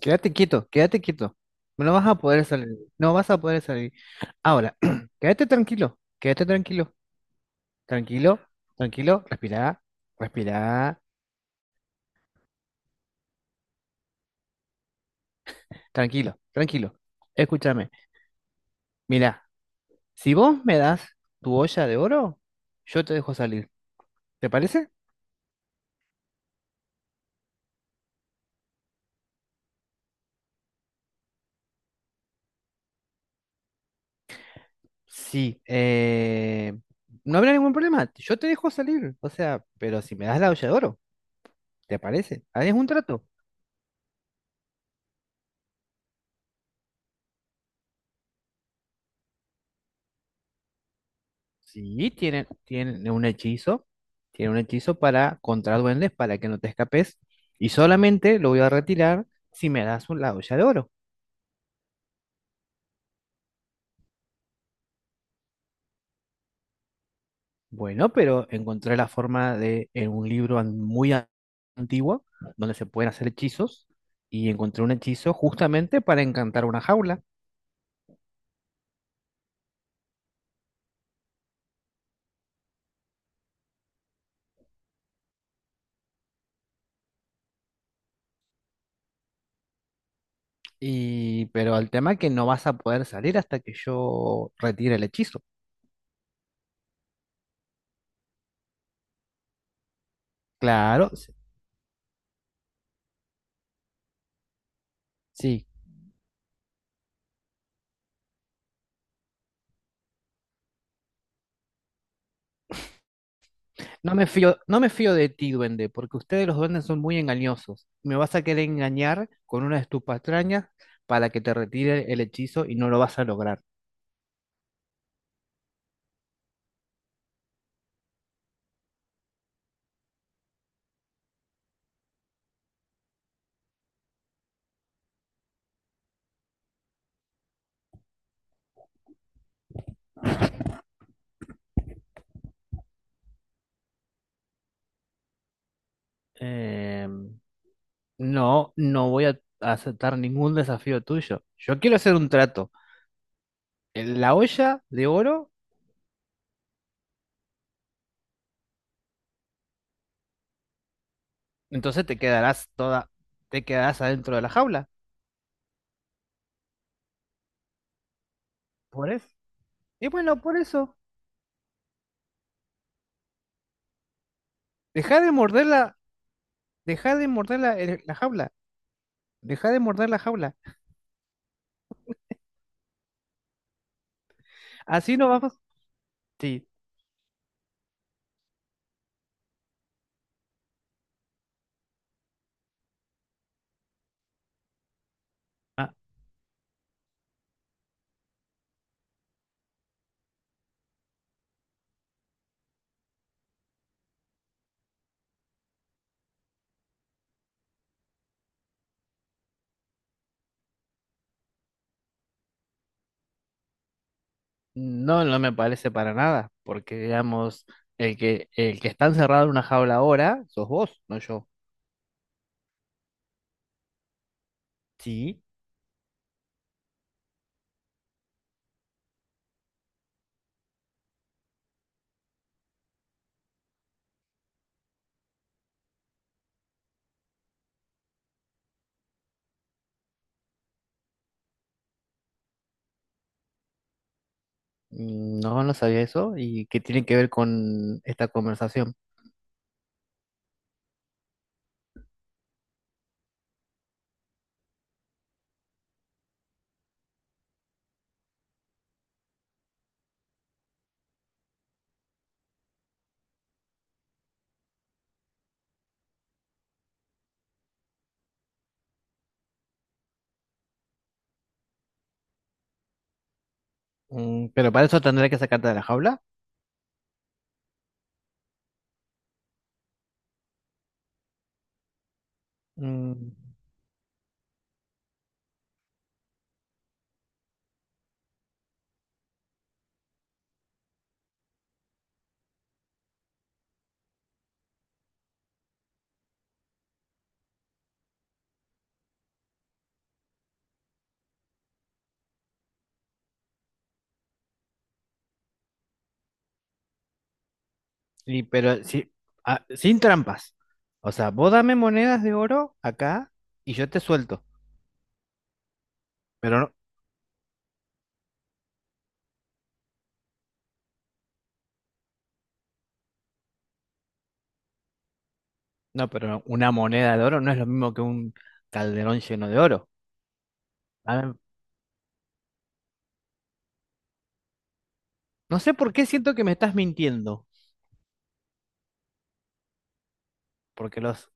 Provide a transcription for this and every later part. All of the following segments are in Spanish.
Quédate quieto, quédate quieto. No vas a poder salir, no vas a poder salir. Ahora, quédate tranquilo, tranquilo, tranquilo, respirá, respirá, tranquilo, tranquilo. Escúchame, mira, si vos me das tu olla de oro, yo te dejo salir. ¿Te parece? Sí, no habrá ningún problema, yo te dejo salir, o sea, pero si me das la olla de oro, ¿te parece? Ahí es un trato. Sí, tiene un hechizo. Tiene un hechizo para contra duendes para que no te escapes. Y solamente lo voy a retirar si me das la olla de oro. Bueno, pero encontré la forma de en un libro muy antiguo donde se pueden hacer hechizos. Y encontré un hechizo justamente para encantar una jaula. Y pero el tema es que no vas a poder salir hasta que yo retire el hechizo. Claro, sí. No me fío, no me fío de ti, duende, porque ustedes los duendes son muy engañosos. Me vas a querer engañar con una de tus patrañas para que te retire el hechizo y no lo vas a lograr. Em, no, no voy a aceptar ningún desafío tuyo. Yo quiero hacer un trato. En la olla de oro, entonces te quedarás adentro de la jaula. Por eso. Y bueno, por eso. Deja de morderla, deja de morder la jaula. Deja de morder la jaula. Así no vamos. Sí. No, no me parece para nada, porque digamos, el que está encerrado en una jaula ahora, sos vos, no yo. Sí. Mm, no, no sabía eso. ¿Y qué tiene que ver con esta conversación? Mm, pero para eso tendré que sacarte de la jaula. Mm, y pero sí, ah, sin trampas. O sea, vos dame monedas de oro acá y yo te suelto. Pero no, no, pero una moneda de oro no es lo mismo que un calderón lleno de oro. Dame- no sé por qué siento que me estás mintiendo. Porque los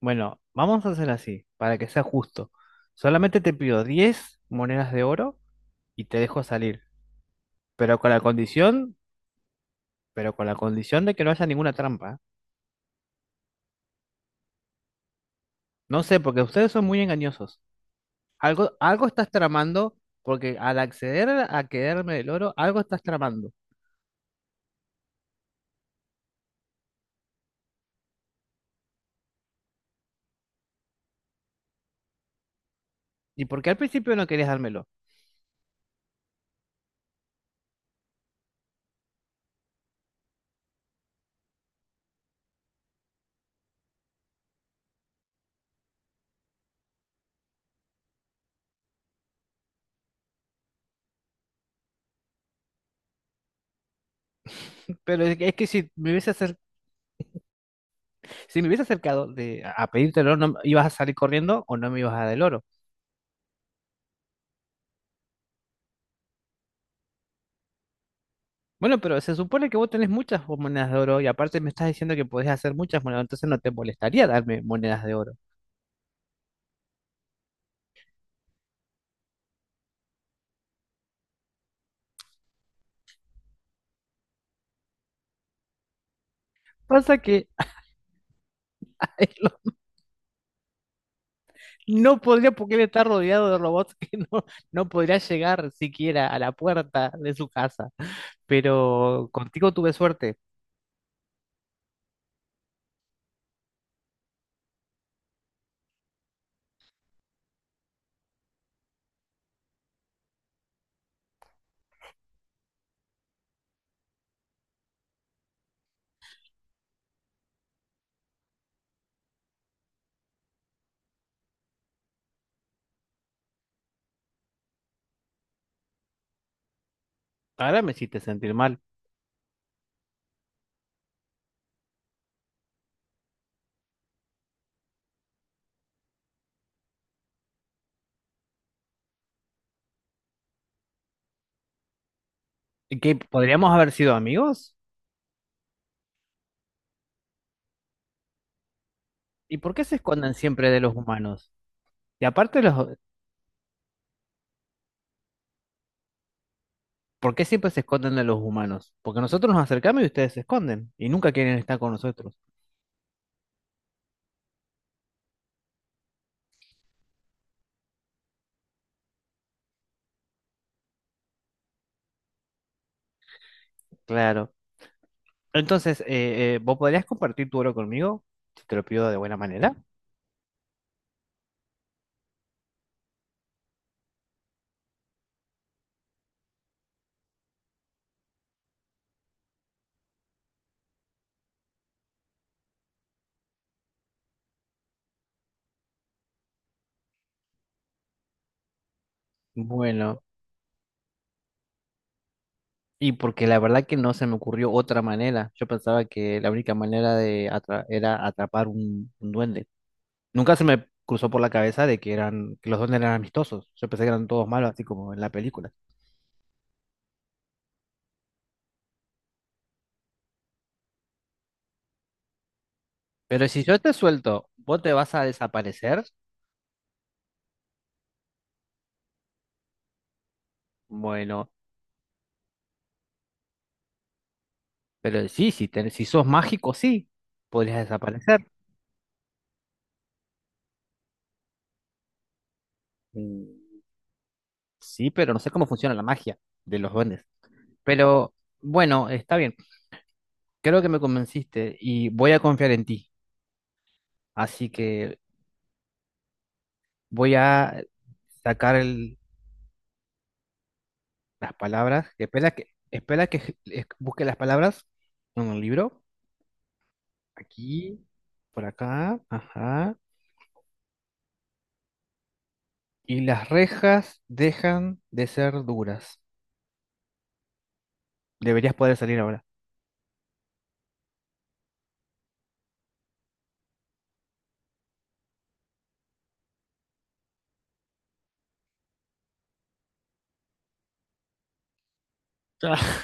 Bueno, vamos a hacer así, para que sea justo. Solamente te pido 10 monedas de oro y te dejo salir. Pero con la condición, pero con la condición de que no haya ninguna trampa. ¿Eh? No sé, porque ustedes son muy engañosos. Algo estás tramando, porque al acceder a quedarme el oro, algo estás tramando. ¿Y por qué al principio no querías dármelo? Pero es que si me hubiese si me hubiese acercado a pedirte el oro, ¿no, ibas a salir corriendo o no me ibas a dar el oro? Bueno, pero se supone que vos tenés muchas monedas de oro y aparte me estás diciendo que podés hacer muchas monedas, entonces no te molestaría darme monedas de oro. Pasa que a él lo- no podría, porque él está rodeado de robots que no, no podría llegar siquiera a la puerta de su casa. Pero contigo tuve suerte. Ahora me hiciste sentir mal. ¿Y que podríamos haber sido amigos? ¿Y por qué se esconden siempre de los humanos? Y aparte los, ¿Por qué siempre se esconden de los humanos? Porque nosotros nos acercamos y ustedes se esconden y nunca quieren estar con nosotros. Claro. Entonces, ¿vos podrías compartir tu oro conmigo? Si te lo pido de buena manera. Bueno, y porque la verdad que no se me ocurrió otra manera. Yo pensaba que la única manera de era atrapar un duende. Nunca se me cruzó por la cabeza de que eran, que los duendes eran amistosos. Yo pensé que eran todos malos, así como en la película. Pero si yo te suelto, ¿vos te vas a desaparecer? Bueno, pero sí, si sos mágico, sí, podrías desaparecer. Mm, sí, pero no sé cómo funciona la magia de los duendes. Pero bueno, está bien. Creo que me convenciste y voy a confiar en ti. Así que voy a sacar el- las palabras. Espera que busque las palabras en el libro. Aquí, por acá, ajá. Y las rejas dejan de ser duras. Deberías poder salir ahora.